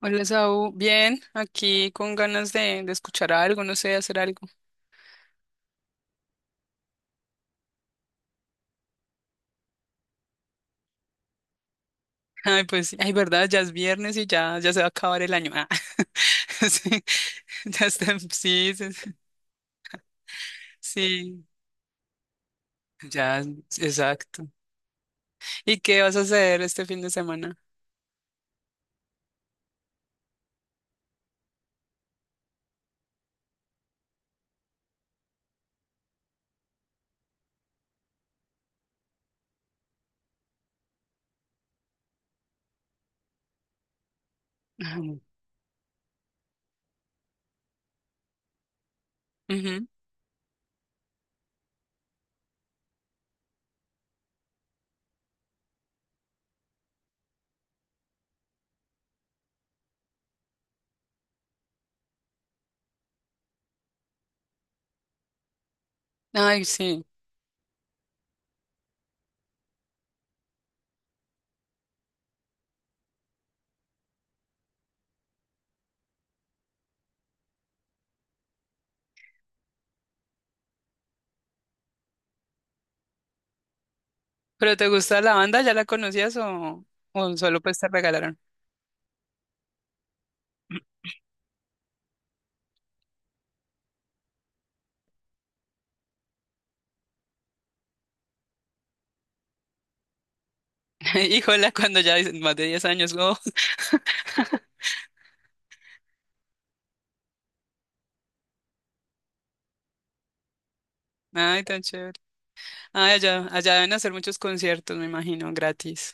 Hola, Saúl. Bien, aquí con ganas de escuchar algo, no sé, hacer algo. Ay, pues, sí, ay, verdad, ya es viernes y ya se va a acabar el año. Ah, sí, ya está, sí, sí, sí, sí, ya, exacto. ¿Y qué vas a hacer este fin de semana? Ajá. Ujú. Ay, sí. ¿Pero te gusta la banda? ¿Ya la conocías o solo pues te regalaron? Híjola, cuando ya dicen más de 10 años, oh. Ay, tan chévere. Ay, allá, allá deben hacer muchos conciertos, me imagino, gratis.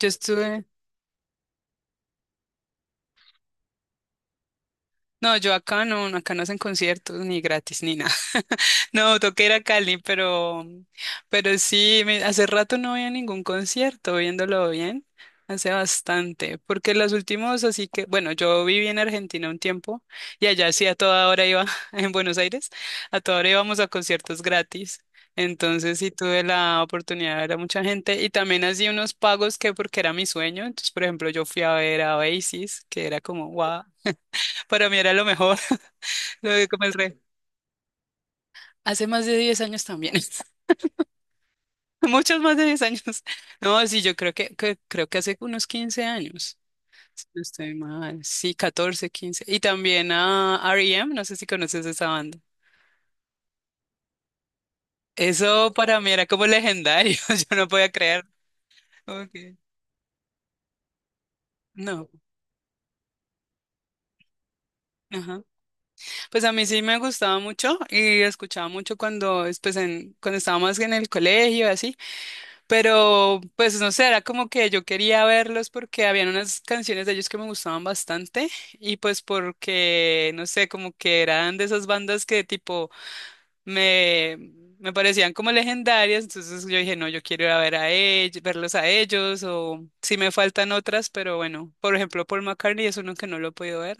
Yo estuve, no, yo acá no hacen conciertos ni gratis ni nada. No, toqué ir a Cali, pero sí, hace rato no había ningún concierto, viéndolo bien, hace bastante, porque los últimos, así que, bueno, yo viví en Argentina un tiempo y allá sí a toda hora iba, en Buenos Aires, a toda hora íbamos a conciertos gratis. Entonces sí tuve la oportunidad de ver a mucha gente y también hacía unos pagos que porque era mi sueño. Entonces, por ejemplo, yo fui a ver a Oasis, que era como, wow. Para mí era lo mejor, lo de comer rey. Hace más de 10 años también. Muchos más de 10 años. No, sí, yo creo creo que hace unos 15 años. Si no estoy mal. Sí, 14, 15. Y también a R.E.M. no sé si conoces esa banda. Eso para mí era como legendario. Yo no podía creer. Okay. No. Ajá. Pues a mí sí me gustaba mucho y escuchaba mucho cuando, es pues en, cuando estaba más en el colegio y así. Pero, pues no sé, era como que yo quería verlos porque habían unas canciones de ellos que me gustaban bastante y pues porque, no sé, como que eran de esas bandas que tipo me, me parecían como legendarias, entonces yo dije, no, yo quiero ir a ver a ellos, verlos a ellos o si me faltan otras, pero bueno, por ejemplo, Paul McCartney es uno que no lo he podido ver,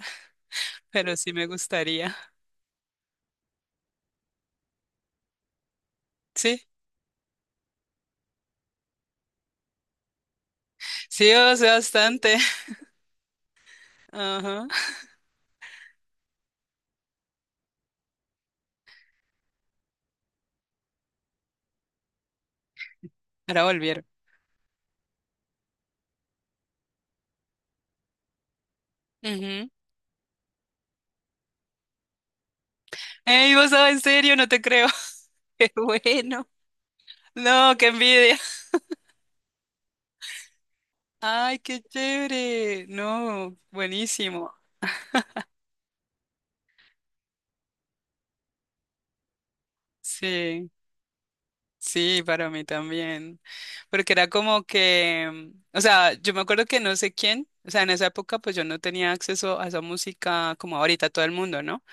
pero sí me gustaría. Sí, sí, o sea, bastante. Ajá. Ahora volvieron. Ey, vos sabés, en serio, no te creo. Qué bueno. No, qué envidia. Ay, qué chévere. No, buenísimo. Sí, sí, para mí también. Porque era como que, o sea, yo me acuerdo que no sé quién, o sea, en esa época pues yo no tenía acceso a esa música como ahorita todo el mundo, ¿no?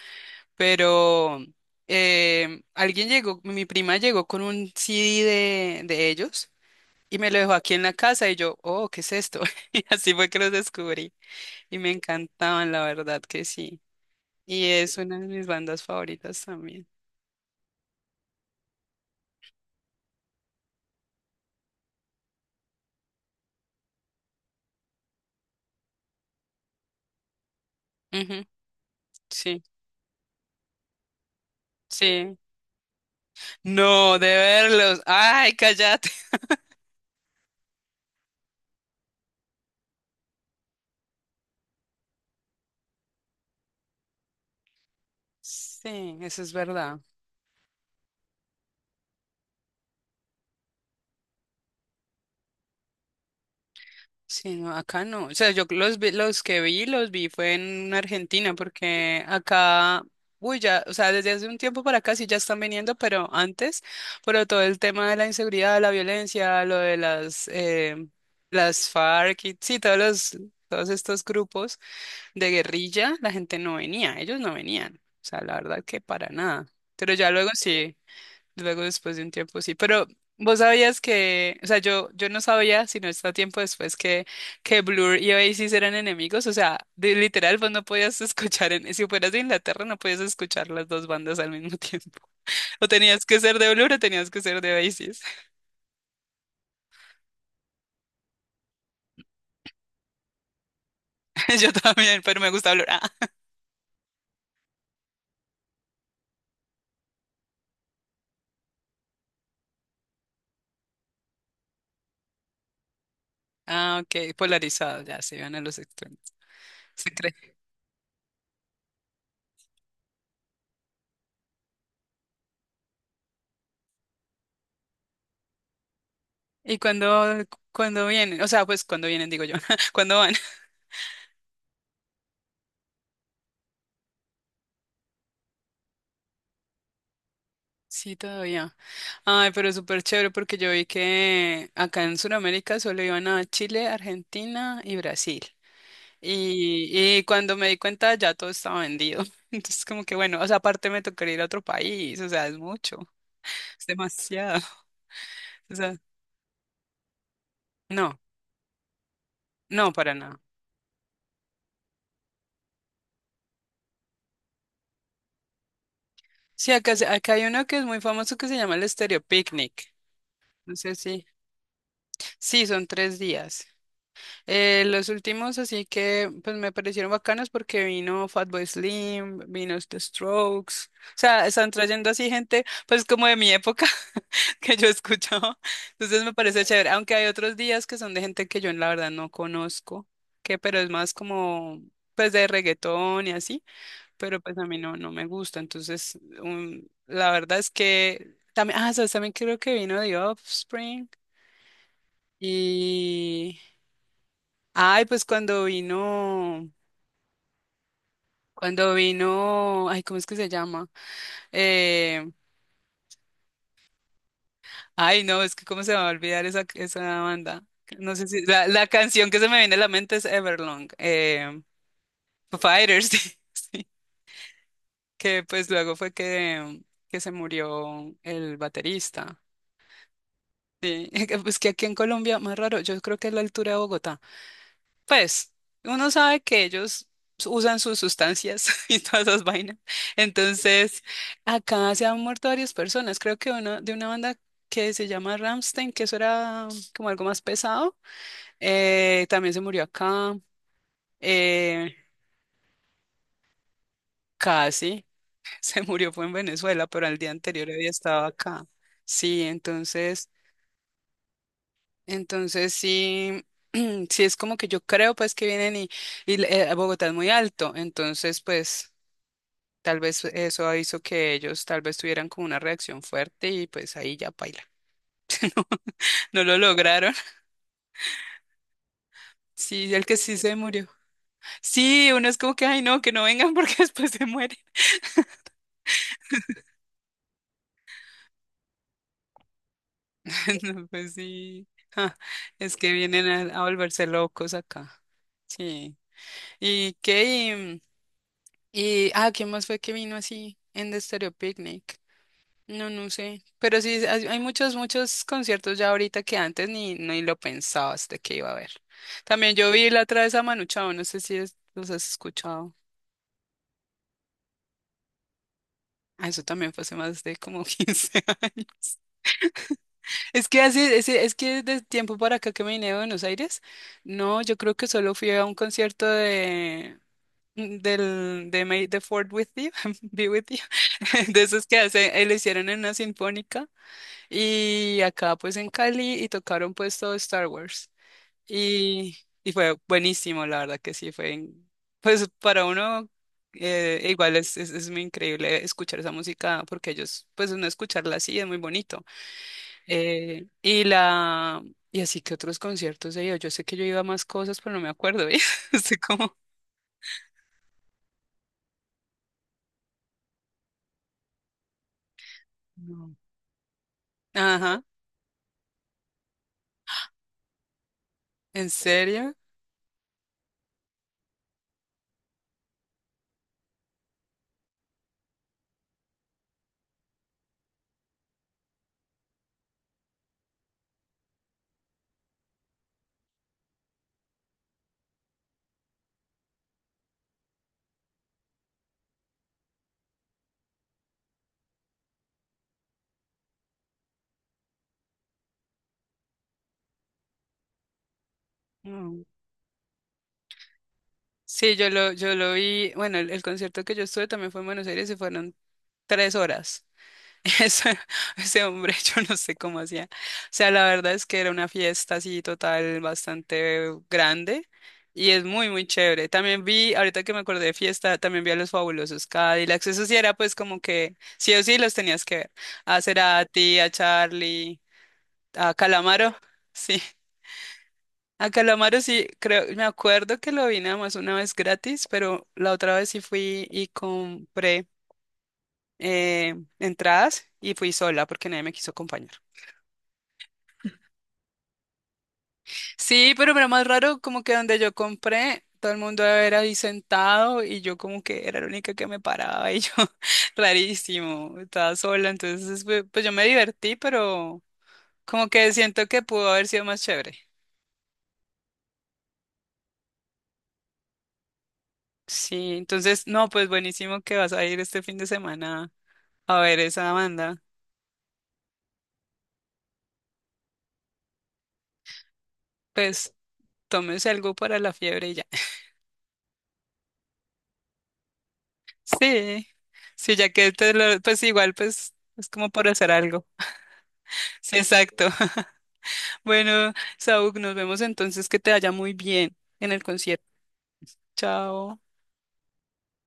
Pero alguien llegó, mi prima llegó con un CD de ellos y me lo dejó aquí en la casa y yo, oh, ¿qué es esto? Y así fue que los descubrí. Y me encantaban, la verdad que sí. Y es una de mis bandas favoritas también. Ujú, sí, sí. No, de verlos. Ay, cállate. Sí, eso es verdad. Sí, no, acá no. O sea, yo los los que vi, los vi fue en Argentina, porque acá, uy, ya, o sea, desde hace un tiempo para acá sí ya están viniendo, pero antes, pero todo el tema de la inseguridad, la violencia, lo de las FARC y sí, todos los, todos estos grupos de guerrilla, la gente no venía, ellos no venían. O sea, la verdad que para nada. Pero ya luego sí, luego después de un tiempo sí. Pero vos sabías que, o sea, yo no sabía, sino hasta tiempo después, que Blur y Oasis eran enemigos. O sea, literal, vos no podías escuchar, en, si fueras de Inglaterra, no podías escuchar las dos bandas al mismo tiempo. O tenías que ser de Blur o tenías que ser de Oasis. Yo también, pero me gusta Blur. Ah, ok, polarizado, ya se iban a los extremos. ¿Y cuando cuando vienen? O sea, pues cuando vienen, digo yo. ¿Cuándo van? Sí, todavía. Ay, pero súper chévere porque yo vi que acá en Sudamérica solo iban a Chile, Argentina y Brasil. Y cuando me di cuenta ya todo estaba vendido. Entonces como que bueno, o sea, aparte me tocaría ir a otro país, o sea, es mucho, es demasiado. O sea, no, no, para nada. Sí, acá, acá hay uno que es muy famoso que se llama el Estéreo Picnic. No sé si. Sí, son 3 días. Los últimos así que pues me parecieron bacanos porque vino Fatboy Slim, vino The Strokes, o sea, están trayendo así gente pues como de mi época que yo escuchaba, entonces me parece chévere, aunque hay otros días que son de gente que yo la verdad no conozco, que pero es más como pues de reggaetón y así, pero pues a mí no, no me gusta, entonces la verdad es que también, sabes, también creo que vino The Offspring y... Ay, pues cuando vino. Cuando vino, ay, ¿cómo es que se llama? Eh, ay, no, es que cómo se me va a olvidar esa banda. No sé si la canción que se me viene a la mente es Everlong, Foo Fighters, sí, sí, que pues luego fue que, se murió el baterista. Sí, que, pues que aquí en Colombia, más raro, yo creo que es la altura de Bogotá. Pues uno sabe que ellos usan sus sustancias y todas esas vainas. Entonces, acá se han muerto varias personas. Creo que uno de una banda que se llama Ramstein, que eso era como algo más pesado, también se murió acá. eh, Casi se murió, fue en Venezuela, pero al día anterior había estado acá. Sí, entonces, entonces sí. Sí, es como que yo creo pues que vienen y Bogotá es muy alto, entonces pues tal vez eso hizo que ellos tal vez tuvieran como una reacción fuerte y pues ahí ya paila. No lo lograron. Sí, el que sí se murió. Sí, uno es como que, ay, no, que no vengan porque después se mueren. No, pues sí. Ah, es que vienen a volverse locos acá. Sí. ¿Y qué? Y, ¿quién más fue que vino así en The Stereo Picnic? No, no sé. Pero sí, hay muchos, muchos conciertos ya ahorita que antes ni lo pensabas de que iba a haber. También yo vi la otra vez a Manu Chao, no sé si los has escuchado. Ah, eso también fue hace más de como 15 años. Es que así, es que de tiempo para acá que me vine de Buenos Aires, no, yo creo que solo fui a un concierto de May the Fourth with you, Be with you, de esos que hace, le hicieron en una sinfónica. Y acá pues en Cali y tocaron pues todo Star Wars. Y, y fue buenísimo, la verdad que sí, pues para uno igual es, muy increíble escuchar esa música porque ellos pues uno escucharla así es muy bonito. Y la y así que otros conciertos he ido. Yo sé que yo iba a más cosas, pero no me acuerdo, ¿eh? Estoy como, no. Ajá, ¿en serio? Sí, yo lo vi, bueno, el concierto que yo estuve también fue en Buenos Aires y fueron 3 horas. Eso- Ese hombre, yo no sé cómo hacía. O sea, la verdad es que era una fiesta así total bastante grande y es muy, muy chévere. También vi, ahorita que me acordé de fiesta, también vi a los Fabulosos Cadillacs. Eso sí era pues como que sí o sí los tenías que ver. A Cerati, a Charlie, a Calamaro. Sí. A Calamaro sí, creo, me acuerdo que lo vi nada más una vez gratis, pero la otra vez sí fui y compré eh, entradas y fui sola porque nadie me quiso acompañar. Sí, pero era más raro como que donde yo compré, todo el mundo era ahí sentado y yo como que era la única que me paraba y yo, rarísimo, estaba sola, entonces pues yo me divertí, pero como que siento que pudo haber sido más chévere. Sí, entonces, no, pues buenísimo que vas a ir este fin de semana a ver esa banda. Pues tómese algo para la fiebre y ya. Sí, sí, ya que pues igual, pues es como por hacer algo. Sí, exacto. Bueno, Saúl, nos vemos entonces, que te vaya muy bien en el concierto. Chao.